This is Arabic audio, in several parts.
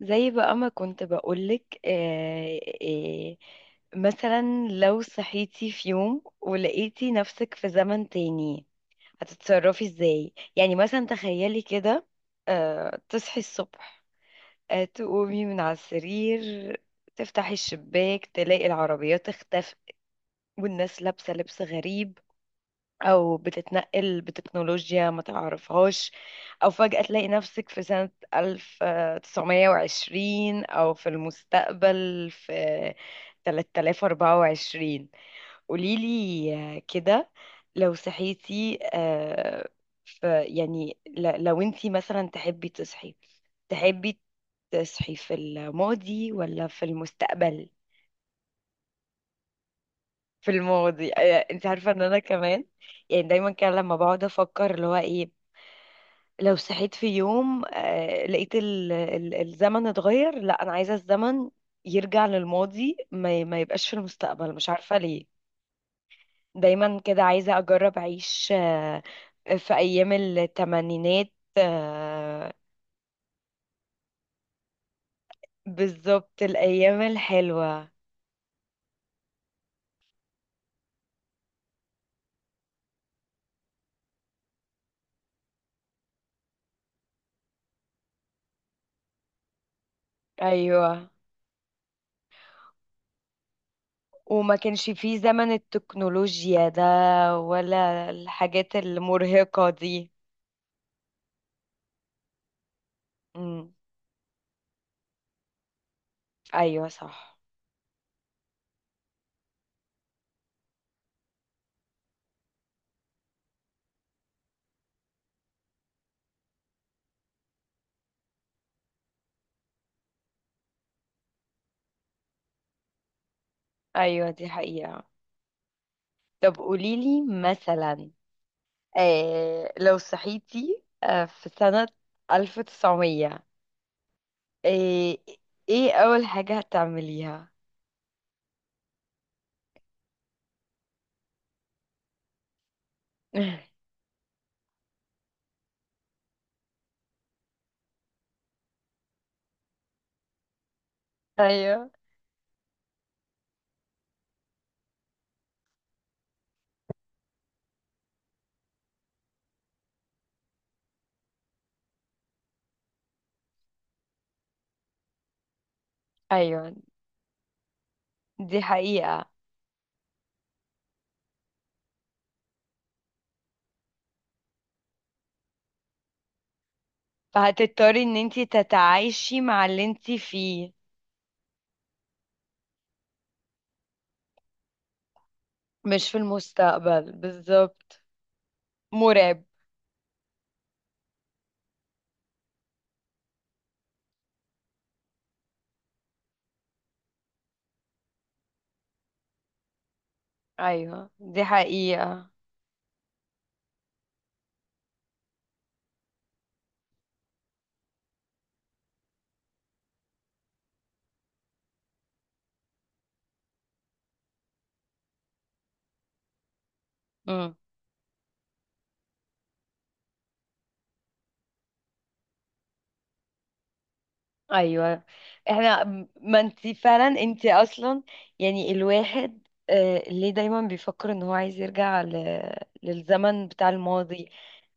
زي بقى ما كنت بقولك مثلا لو صحيتي في يوم ولقيتي نفسك في زمن تاني هتتصرفي ازاي؟ يعني مثلا تخيلي كده. تصحي الصبح، تقومي من على السرير، تفتحي الشباك تلاقي العربيات اختفت والناس لابسة لبس غريب، او بتتنقل بتكنولوجيا ما تعرفهاش، او فجأة تلاقي نفسك في سنة 1920 او في المستقبل في 3024. قوليلي كده، لو صحيتي في يعني لو انتي مثلا تحبي تصحي، تحبي تصحي في الماضي ولا في المستقبل؟ في الماضي. آه، انت عارفة ان انا كمان يعني دايما كان لما بقعد افكر اللي هو ايه، لو صحيت في يوم لقيت الزمن اتغير، لا انا عايزه الزمن يرجع للماضي، ما يبقاش في المستقبل، مش عارفه ليه. دايما كده عايزه اجرب اعيش في ايام الثمانينات، بالظبط الايام الحلوه. ايوه، وما كانش فيه زمن التكنولوجيا ده ولا الحاجات المرهقه دي. مم. ايوه صح. ايوه دي حقيقه. طب قوليلي مثلا، آه لو صحيتي آه في سنة 1900، آه ايه أول حاجة هتعمليها؟ ايوه ايوه دي حقيقة. فهتضطري ان انتي تتعايشي مع اللي انتي فيه. مش في المستقبل بالظبط، مرعب. ايوه دي حقيقة. ايوه. احنا، ما انت فعلا انت اصلا يعني الواحد ليه دايما بيفكر ان هو عايز يرجع للزمن بتاع الماضي؟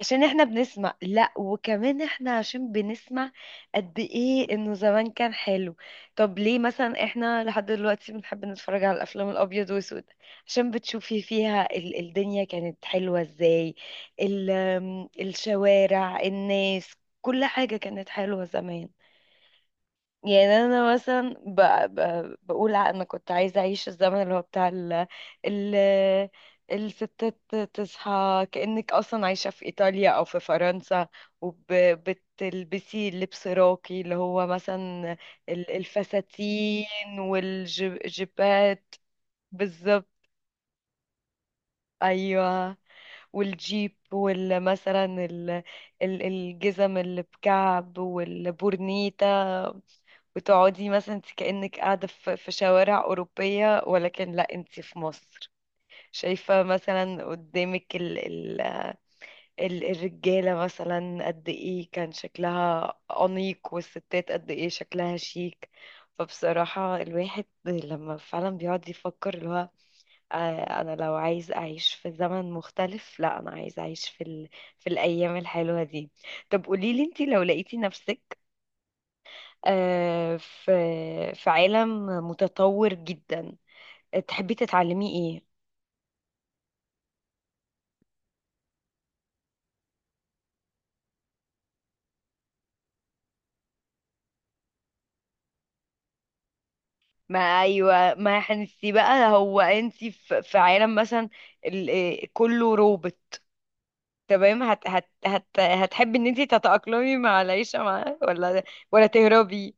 عشان احنا بنسمع، لا وكمان احنا عشان بنسمع قد ايه انه زمان كان حلو. طب ليه مثلا احنا لحد دلوقتي بنحب نتفرج على الافلام الابيض واسود؟ عشان بتشوفي فيها الدنيا كانت حلوة ازاي، ال- آم، الشوارع، الناس، كل حاجة كانت حلوة زمان. يعني انا مثلا بقول انا كنت عايزه اعيش الزمن اللي هو بتاع ال... الستات، تصحى كأنك اصلا عايشه في ايطاليا او في فرنسا، وبتلبسي لبس راقي اللي هو مثلا الفساتين والجيبات، بالظبط. ايوه، والجيب والمثلا الجزم اللي بكعب والبورنيتا، وتقعدي مثلا انت كأنك قاعدة في شوارع أوروبية، ولكن لا انت في مصر. شايفة مثلا قدامك ال ال ال الرجالة مثلا قد ايه كان شكلها أنيق، والستات قد ايه شكلها شيك. فبصراحة الواحد لما فعلا بيقعد يفكر اللي هو، أنا لو عايز أعيش في زمن مختلف، لا أنا عايز أعيش في في الأيام الحلوة دي. طب قوليلي انتي لو لقيتي نفسك في عالم متطور جدا، تحبي تتعلمي ايه؟ ما ايوه ما هنسي بقى، هو انت في عالم مثلا ال- كله روبوت، تمام هت هت هت هتحبي ان انت تتأقلمي مع العيشة معاه ولا ولا تهربي؟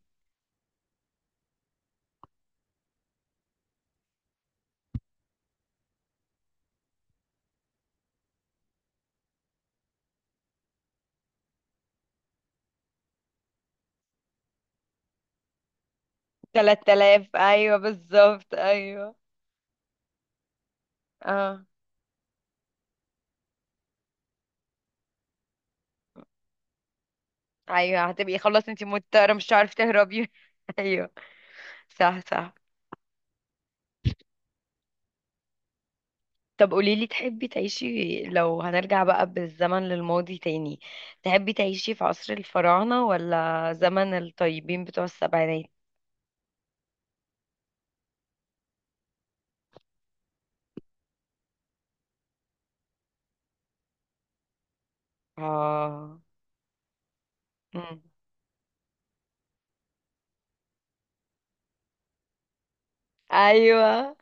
3000 ايوه بالظبط. ايوه اه. ايوه هتبقي خلاص انت مضطرة، مش هتعرفي تهربي. ايوه صح صح. طب قوليلي، تحبي تعيشي، لو هنرجع بقى بالزمن للماضي تاني، تحبي تعيشي في عصر الفراعنة ولا زمن الطيبين بتوع السبعينات؟ اه. مم. ايوه.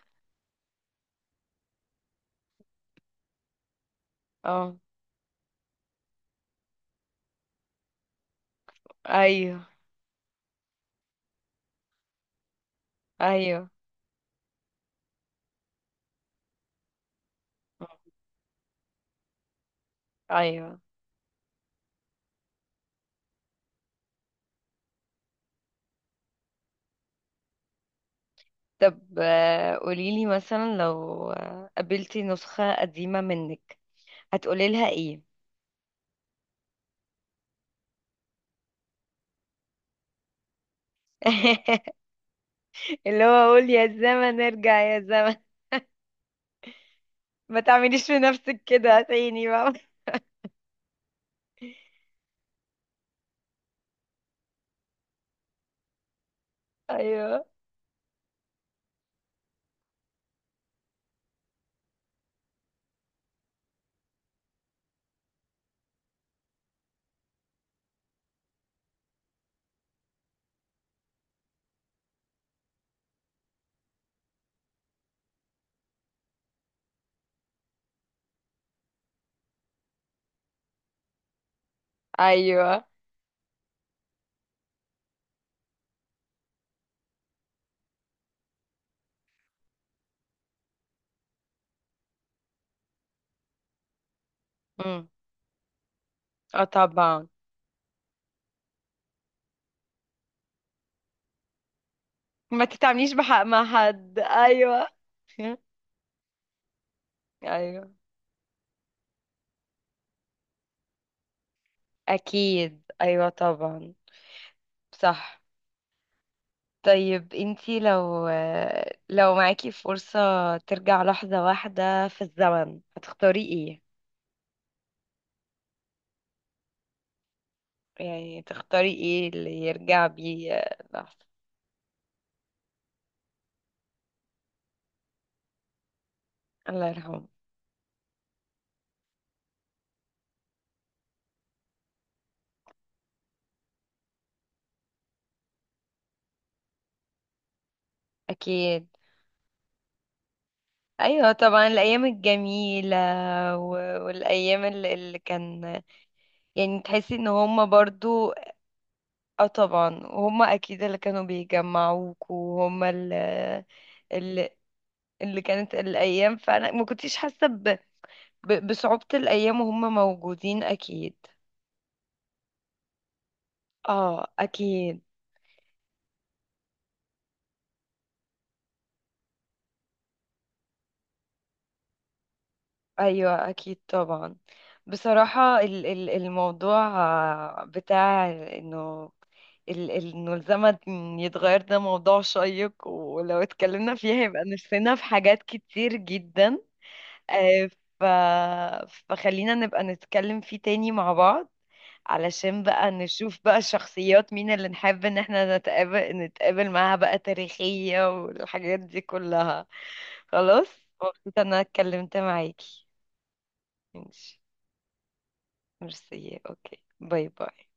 اه. ايوه ايوه ايوه. طب قوليلي مثلا لو قابلتي نسخة قديمة منك، هتقولي لها ايه؟ اللي هو اقول يا زمن ارجع يا زمن، ما تعمليش في نفسك كده تاني بقى. ايوه ايوه. اه طبعا. ما تتعامليش بحق مع حد، ايوه. ايوه اكيد ايوه طبعا. صح. طيب انتي لو، لو معاكي فرصة ترجع لحظة واحدة في الزمن، هتختاري ايه؟ يعني تختاري ايه اللي يرجع بيه لحظة؟ الله يرحمه. اكيد ايوه طبعا، الايام الجميلة، والايام اللي كان، يعني تحسي ان هما برضو. اه طبعا، وهم اكيد اللي كانوا بيجمعوك، وهم اللي اللي, اللي كانت الايام، فانا ما كنتش حاسه بصعوبه الايام وهم موجودين، اكيد. اه اكيد. ايوه اكيد طبعا. بصراحه الموضوع بتاع انه انه الزمن يتغير، ده موضوع شيق، ولو اتكلمنا فيه هيبقى نفسنا في حاجات كتير جدا. آه، ف... فخلينا نبقى نتكلم فيه تاني مع بعض، علشان بقى نشوف بقى الشخصيات مين اللي نحب ان احنا نتقابل معاها بقى، تاريخية والحاجات دي كلها. خلاص. مبسوطة ان انا اتكلمت معاكي، ماشي. ميرسي، اوكي، باي باي.